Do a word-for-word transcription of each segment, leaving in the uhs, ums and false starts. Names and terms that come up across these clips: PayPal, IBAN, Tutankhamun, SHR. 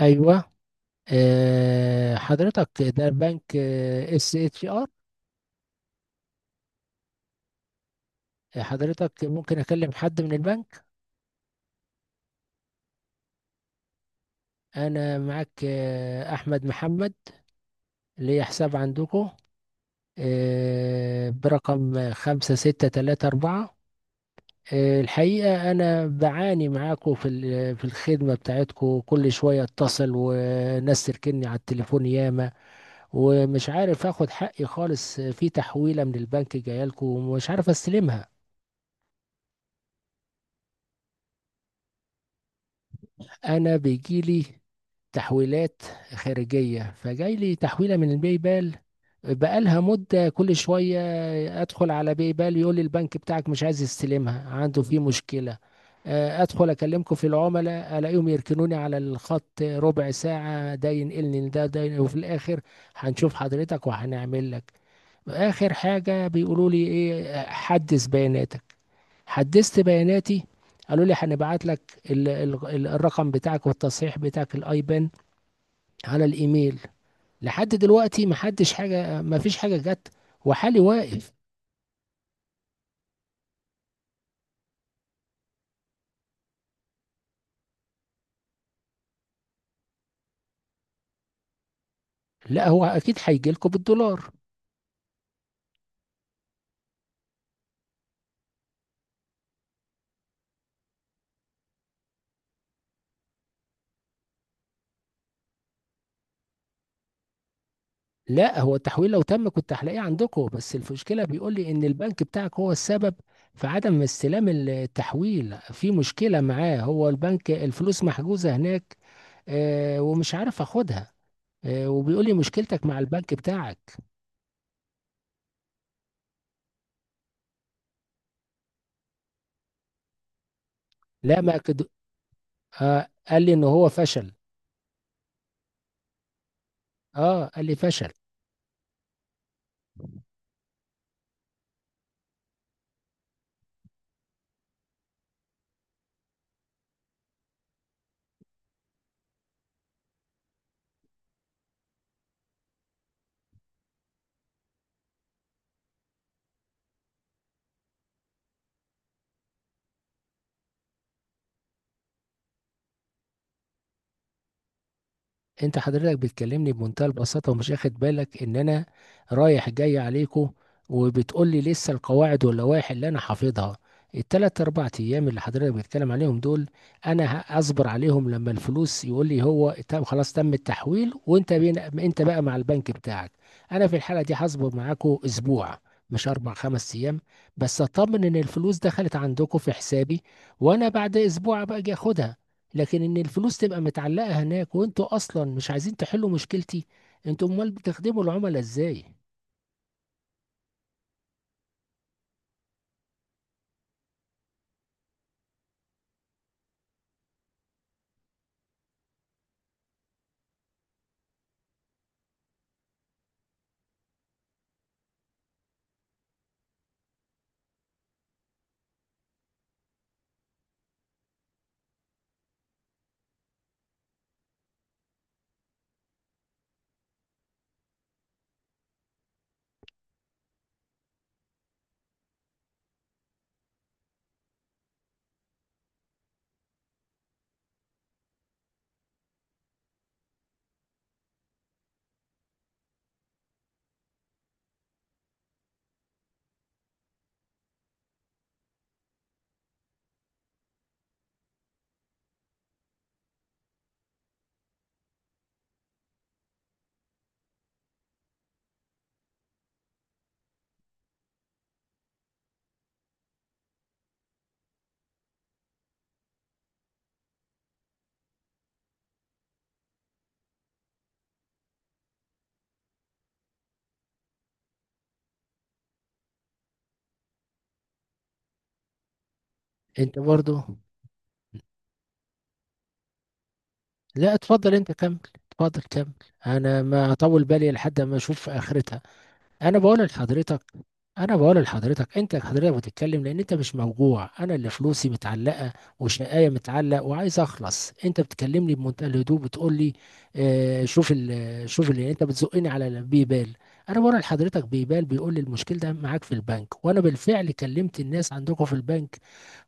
ايوه. آه، حضرتك، ده البنك اس اتش ار. حضرتك ممكن اكلم حد من البنك؟ انا معاك. آه، احمد محمد، ليا حساب عندكم، آه، برقم خمسة ستة تلاتة أربعة. آه، الحقيقة أنا بعاني معاكم في ال- في الخدمة بتاعتكم، كل شوية أتصل وناس تركني على التليفون ياما، ومش عارف آخد حقي خالص في تحويلة من البنك جاية لكم ومش عارف أستلمها. انا بيجيلي تحويلات خارجية، فجاي لي تحويلة من الباي بال بقالها مدة. كل شوية أدخل على باي بال يقول لي البنك بتاعك مش عايز يستلمها، عنده فيه مشكلة. آه، أدخل أكلمكم في العملاء ألاقيهم يركنوني على الخط ربع ساعة، ده ينقلني ده ده، وفي الآخر هنشوف حضرتك وهنعمل لك. آخر حاجة بيقولوا لي إيه؟ حدث بياناتك. حدثت بياناتي. قالوا لي هنبعت لك ال- ال- ال- الرقم بتاعك والتصحيح بتاعك الايبان على الايميل. لحد دلوقتي ما حدش حاجه، ما فيش حاجه جت، وحالي واقف. لا، هو اكيد هيجي لكم بالدولار. لا، هو التحويل لو تم كنت هلاقيه عندكم، بس المشكله بيقول لي ان البنك بتاعك هو السبب في عدم استلام التحويل، في مشكله معاه هو البنك، الفلوس محجوزه هناك آه، ومش عارف اخدها، آه، وبيقول لي مشكلتك مع البنك بتاعك. لا، ما. آه، قال لي ان هو فشل. اه قال لي فشل. انت حضرتك بتكلمني بمنتهى البساطه ومش واخد بالك ان انا رايح جاي عليكم، وبتقول لي لسه القواعد واللوائح اللي انا حافظها. التلات اربع ايام اللي حضرتك بتتكلم عليهم دول، انا هصبر عليهم لما الفلوس يقول لي هو تم خلاص، تم التحويل وانت بين، انت بقى مع البنك بتاعك. انا في الحاله دي هصبر معاكم اسبوع، مش اربع خمس ايام، بس اطمن ان الفلوس دخلت عندكم في حسابي، وانا بعد اسبوع ابقى اجي اخدها. لكن ان الفلوس تبقى متعلقه هناك وانتوا اصلا مش عايزين تحلوا مشكلتي، انتوا امال بتخدموا العملاء ازاي؟ انت برضو. لا، اتفضل انت كمل، اتفضل كمل. انا ما اطول بالي لحد ما اشوف اخرتها. انا بقول لحضرتك، انا بقول لحضرتك، انت حضرتك بتتكلم لان انت مش موجوع، انا اللي فلوسي متعلقه وشقايه متعلق وعايز اخلص. انت بتكلمني بمنتهى الهدوء بتقول لي آه، شوف ال شوف اللي انت بتزقني على ال- بيبال. انا بقول لحضرتك، بيبال بيقول لي المشكله ده معاك في البنك، وانا بالفعل كلمت الناس عندكم في البنك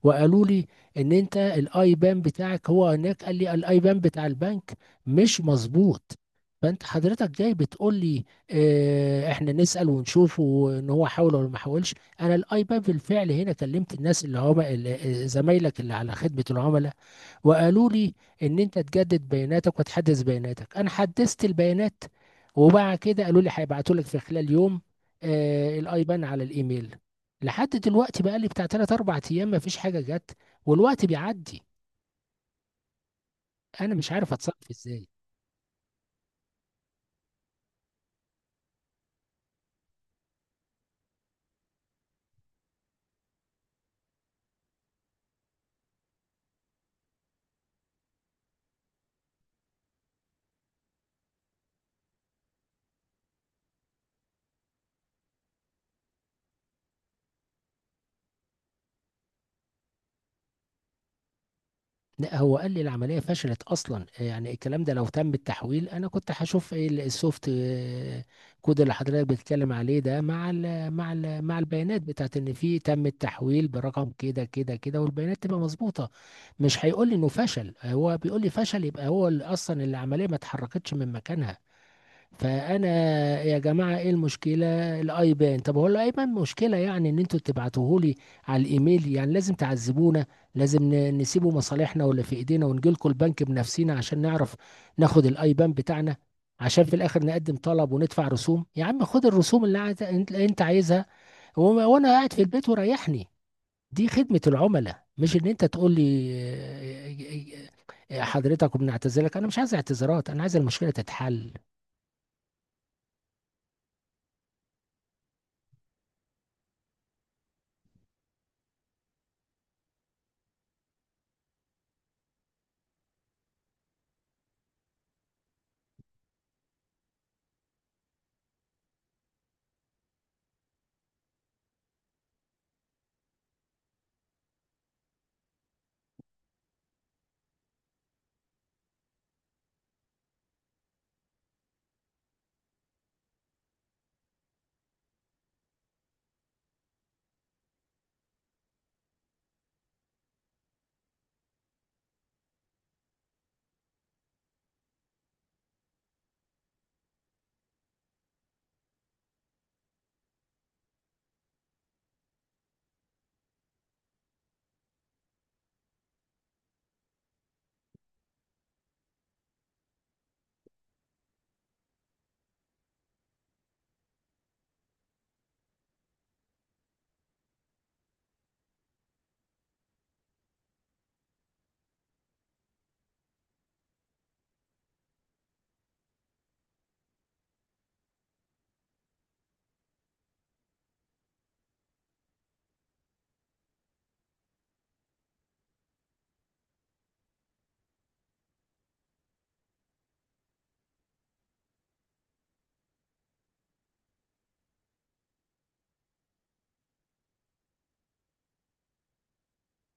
وقالوا لي ان انت الاي بان بتاعك، هو هناك قال لي الاي بان بتاع البنك مش مظبوط. فانت حضرتك جاي بتقول لي اه احنا نسأل ونشوف ان هو حاول ولا ما حاولش. انا الاي بان بالفعل هنا، كلمت الناس اللي هم ال- آه، زمايلك اللي على خدمة العملاء، وقالوا لي ان انت تجدد بياناتك وتحدث بياناتك. انا حدثت البيانات، وبعد كده قالوا لي هيبعتوا لك في خلال يوم، آه، الايبان على الايميل. لحد دلوقتي بقى لي بتاع تلات اربعة ايام ما فيش حاجه جت، والوقت بيعدي، انا مش عارف اتصرف ازاي. لا، هو قال لي العملية فشلت أصلا. يعني الكلام ده لو تم التحويل أنا كنت هشوف إيه ال- السوفت آه، كود اللي حضرتك بتتكلم عليه ده مع ال مع ال مع البيانات بتاعت إن في تم التحويل برقم كده كده كده والبيانات تبقى مظبوطة. مش هيقول لي إنه فشل. هو بيقول لي فشل، يبقى هو اللي أصلا العملية ما اتحركتش من مكانها. فانا، يا جماعه ايه المشكله الايبان؟ طب هو الايبان مشكله يعني ان انتوا تبعتوه لي على الايميل؟ يعني لازم تعذبونا؟ لازم ن- نسيبوا مصالحنا ولا في ايدينا ونجي لكم البنك بنفسنا عشان نعرف ناخد الايبان بتاعنا؟ عشان في الاخر نقدم طلب وندفع رسوم. يا عم خد الرسوم اللي عايز- انت أنت عايزها، و- وانا قاعد في البيت وريحني. دي خدمه العملاء مش ان انت تقول لي آه، آه، آه، آه، حضرتك وبنعتذرك. انا مش عايز اعتذارات، انا عايز المشكله تتحل.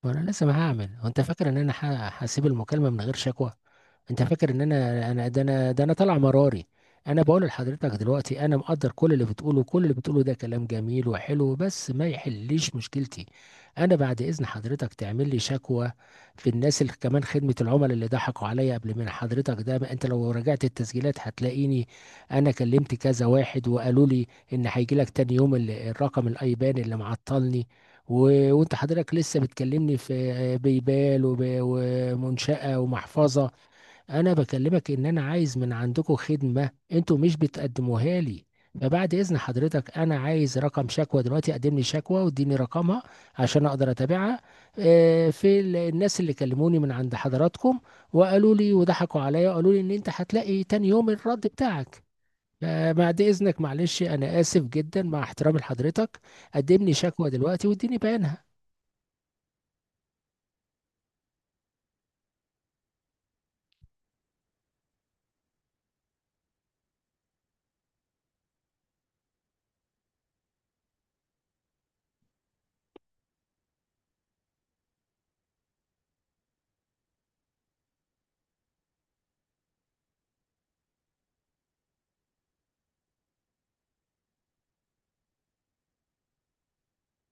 وانا لسه ما انا لازم هعمل؟ هو انت فاكر ان انا ه- هسيب المكالمة من غير شكوى؟ انت فاكر ان انا انا ده انا ده انا طالع مراري. انا بقول لحضرتك دلوقتي، انا مقدر كل اللي بتقوله، كل اللي بتقوله ده كلام جميل وحلو بس ما يحليش مشكلتي. انا بعد اذن حضرتك تعمل لي شكوى في الناس اللي كمان خدمة العملاء اللي ضحكوا عليا قبل من حضرتك ده، ما انت لو راجعت التسجيلات هتلاقيني. انا كلمت كذا واحد وقالوا لي ان هيجي لك تاني يوم ال- الرقم الايبان اللي معطلني، و... وانت حضرتك لسه بتكلمني في آه، بيبال وب... ومنشأة ومحفظة. انا بكلمك ان انا عايز من عندكم خدمة انتوا مش بتقدموها لي. فبعد اذن حضرتك، انا عايز رقم شكوى دلوقتي. قدم لي شكوى واديني رقمها عشان اقدر اتابعها. آه، في ال- الناس اللي كلموني من عند حضراتكم وقالوا لي وضحكوا عليا وقالوا لي ان انت هتلاقي تاني يوم الرد بتاعك. فبعد اذنك معلش انا اسف جدا مع احترامي لحضرتك، قدم لي شكوى دلوقتي واديني بيانها.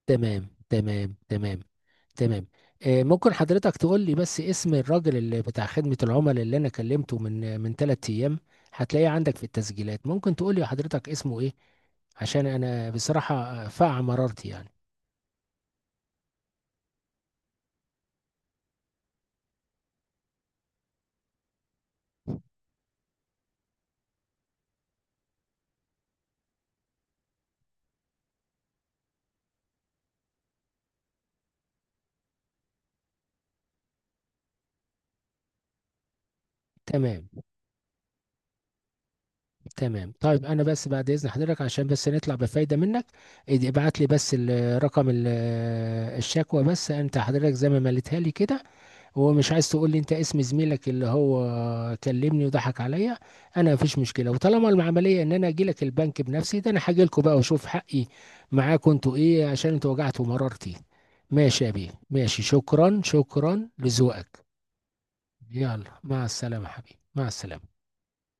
تمام، تمام، تمام، تمام. آه، ممكن حضرتك تقول لي بس اسم الراجل اللي بتاع خدمة العملاء اللي انا كلمته من من ثلاث ايام؟ هتلاقيه عندك في التسجيلات. ممكن تقول لي حضرتك اسمه ايه؟ عشان انا بصراحة فاع مرارتي يعني. تمام، تمام. طيب انا بس بعد اذن حضرتك، عشان بس نطلع بفايدة منك، اد- ابعت لي بس ال- رقم ال- الشكوى بس، انت حضرتك زي ما مليتها لي كده. هو مش عايز تقول لي انت اسم زميلك اللي هو كلمني وضحك عليا. انا مفيش مشكله، وطالما العمليه ان انا اجي لك البنك بنفسي، ده انا هاجي لكم بقى واشوف حقي معاكم انتوا ايه، عشان انتوا وجعتوا مرارتي. ماشي يا بيه ماشي، شكرا، شكرا لذوقك. يلا مع السلامه حبيبي، مع السلامه.